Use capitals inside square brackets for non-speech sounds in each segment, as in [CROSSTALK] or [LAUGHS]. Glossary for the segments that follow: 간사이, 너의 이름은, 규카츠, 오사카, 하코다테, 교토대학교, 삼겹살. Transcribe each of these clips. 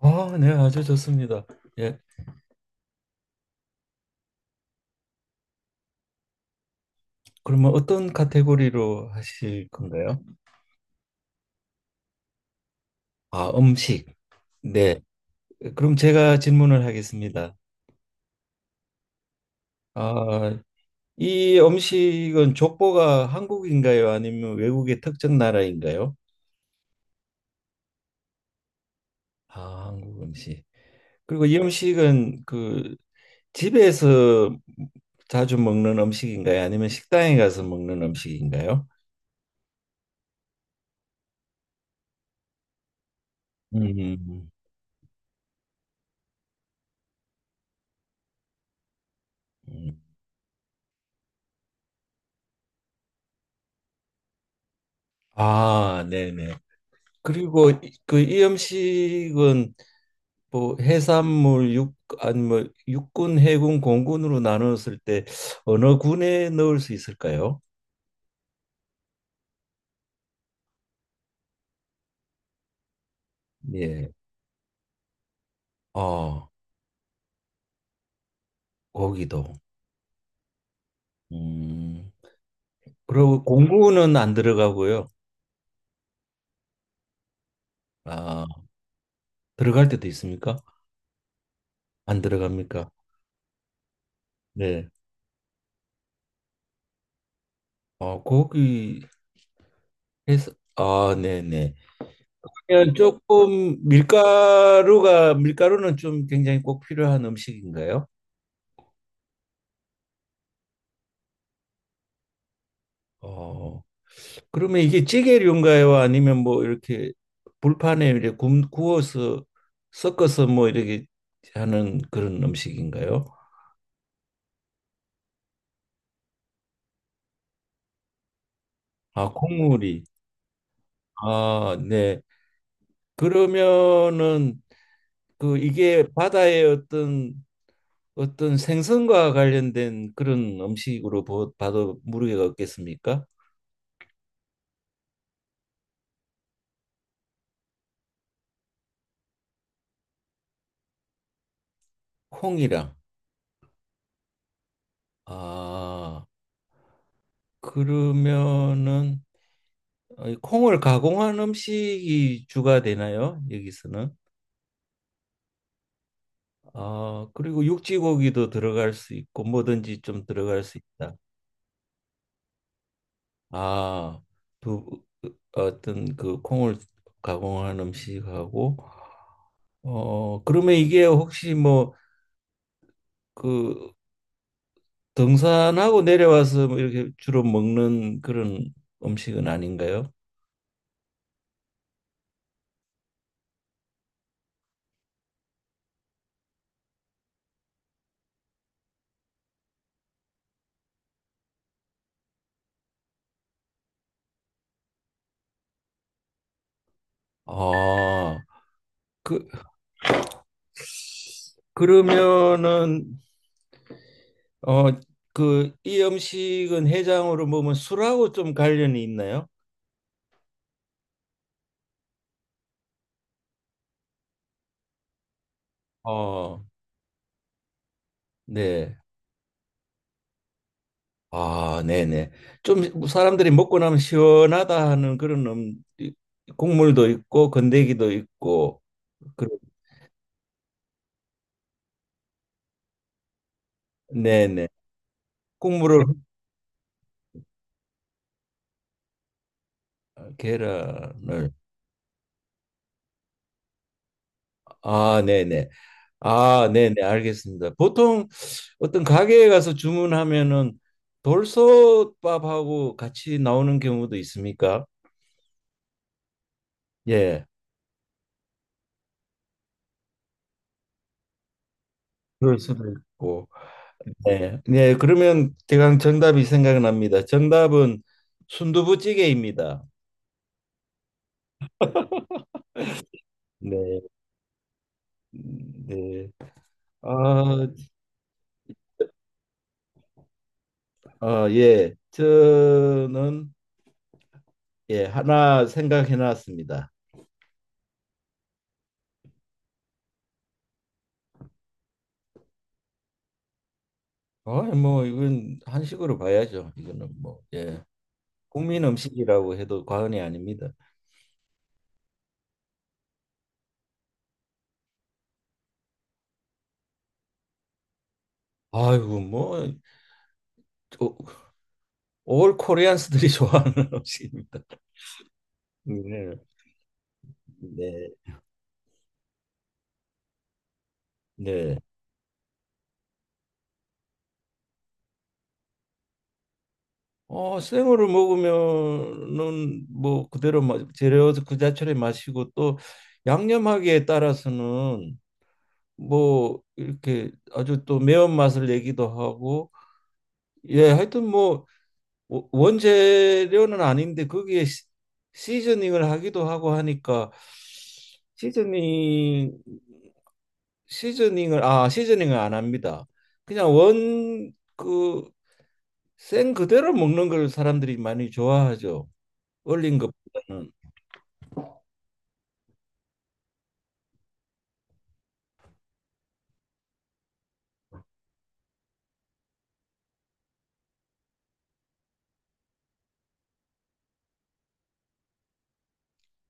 아, 네, 아주 좋습니다. 예. 그러면 어떤 카테고리로 하실 건가요? 아, 음식. 네. 그럼 제가 질문을 하겠습니다. 아, 이 음식은 족보가 한국인가요? 아니면 외국의 특정 나라인가요? 아, 한국 음식. 그리고 이 음식은 그 집에서 자주 먹는 음식인가요? 아니면 식당에 가서 먹는 음식인가요? 음. 음. 음. 아, 네네. 그리고 그 이염식은 뭐 해산물 육 아니 뭐 육군 해군 공군으로 나눴을 때 어느 군에 넣을 수 있을까요? 예. 어, 거기도. 음. 그리고 공군은 안 들어가고요. 아, 들어갈 때도 있습니까? 안 들어갑니까? 네. 어, 거기 해서 아, 네, 네. 그면 조금 밀가루가 밀가루는 좀 굉장히 꼭 필요한 음식인가요? 어. 그러면 이게 찌개류인가요? 아니면 뭐 이렇게 불판에 이렇게 구워서 섞어서 뭐 이렇게 하는 그런 음식인가요? 아, 국물이. 아, 네. 그러면은 그 이게 바다의 어떤 어떤 생선과 관련된 그런 음식으로 봐도 무리가 없겠습니까? 콩이랑. 아, 그러면은 이 콩을 가공한 음식이 주가 되나요? 여기서는. 아, 그리고 육지고기도 들어갈 수 있고 뭐든지 좀 들어갈 수 있다. 아, 두 어떤 그 콩을 가공한 음식하고 그러면 이게 혹시 뭐 그 등산하고 내려와서 뭐 이렇게 주로 먹는 그런 음식은 아닌가요? 아, 그 그러면은 어, 이 음식은 해장으로 먹으면 술하고 좀 관련이 있나요? 어, 네. 아, 네네. 좀 사람들이 먹고 나면 시원하다 하는 그런 국물도 있고 건더기도 있고, 그, 네네. 국물을, 아, 계란을. 아, 네네. 아, 네네. 알겠습니다. 보통 어떤 가게에 가서 주문하면은 돌솥밥하고 같이 나오는 경우도 있습니까? 예. 그럴 수도 있고. 네. 네, 그러면 대강 정답이 생각납니다. 정답은 순두부찌개입니다. 네. 네. 아, 아, 예. 저는 예, 하나 생각해 놨습니다. 아, 뭐 이건 한식으로 봐야죠. 이거는 뭐 예. 국민 음식이라고 해도 과언이 아닙니다. 아이고 뭐 올 코리안스들이 [LAUGHS] 좋아하는 음식입니다. 네. 네. 네. 어, 생으로 먹으면은 뭐 그대로 재료 그 자체를 마시고 또 양념하기에 따라서는 뭐 이렇게 아주 또 매운맛을 내기도 하고 예, 하여튼 뭐 원재료는 아닌데 거기에 시즈닝을 하기도 하고 하니까 시즈닝 시즈닝을 안 합니다. 그냥 원 그 생 그대로 먹는 걸 사람들이 많이 좋아하죠. 올린 것보다는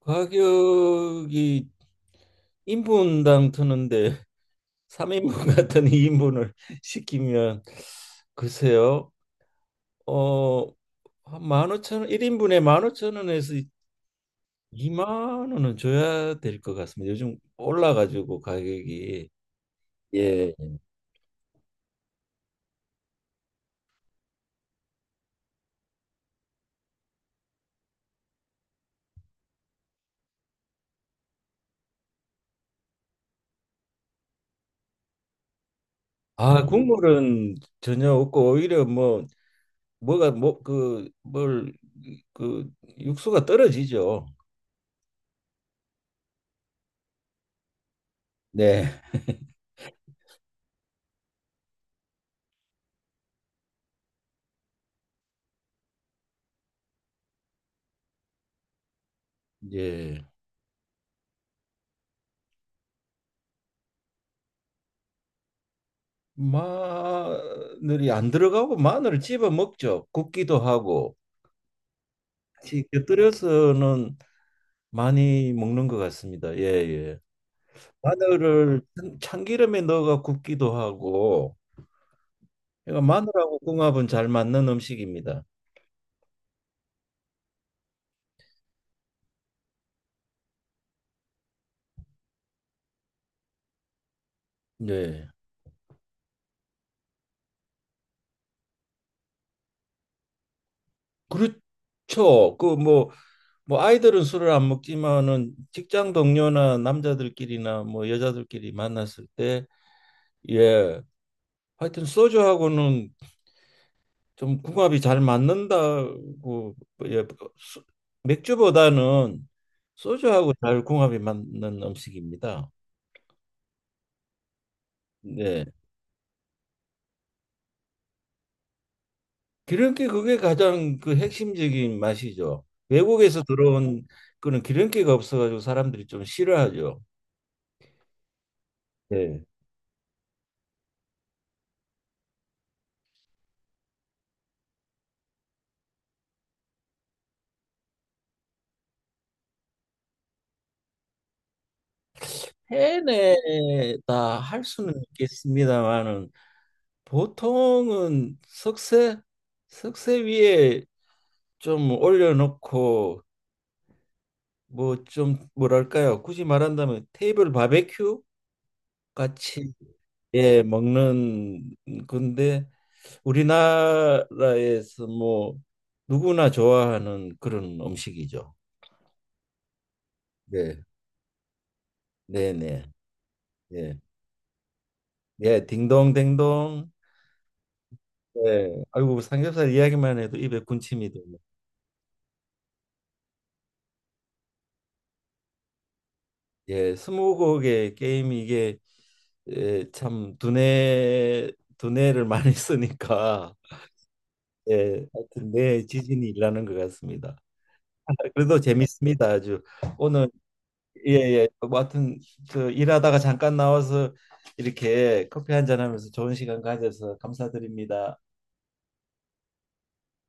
가격이 인분당 트는데 [LAUGHS] 3인분 같은 2인분을 [LAUGHS] 시키면 글쎄요. 어, 한1 5,000원 1인분에 15,000원에서 2만 원은 줘야 될 것 같습니다. 요즘 올라가지고 가격이 예. 아, 국물은 전혀 없고 오히려 뭐 뭐가 뭐 그 뭘 그 육수가 떨어지죠. 네. 예. 마늘이 안 들어가고 마늘을 집어 먹죠. 굽기도 하고 같이 곁들여서는 많이 먹는 것 같습니다. 예, 예. 마늘을 참기름에 넣어가 굽기도 하고 그러니까 마늘하고 궁합은 잘 맞는 음식입니다. 네. 그렇죠. 그 뭐 아이들은 술을 안 먹지만은 직장 동료나 남자들끼리나 뭐 여자들끼리 만났을 때 예. 하여튼 소주하고는 좀 궁합이 잘 맞는다고 예, 수- 맥주보다는 소주하고 잘 궁합이 맞는 음식입니다. 네. 기름기 그게 가장 그 핵심적인 맛이죠. 외국에서 들어온 그런 기름기가 없어가지고 사람들이 좀 싫어하죠. 네. 해내다 할 수는 있겠습니다만은 보통은 석쇠 위에 좀 올려놓고 뭐 좀 뭐랄까요? 굳이 말한다면 테이블 바베큐 같이 예 먹는 건데 우리나라에서 뭐 누구나 좋아하는 그런 음식이죠. 네, 네, 네, 예, 예, 딩동댕동. 예, 아이고 삼겹살 이야기만 해도 입에 군침이 도네. 예, 스무고개 게임이 이게 예, 참 두뇌를 많이 쓰니까 예, 하여튼 내 지진이 일어나는 것 같습니다. 그래도 재밌습니다. 아주 오늘 예예 뭐 하여튼 그 일하다가 잠깐 나와서 이렇게 커피 한 잔 하면서 좋은 시간 가져서 감사드립니다.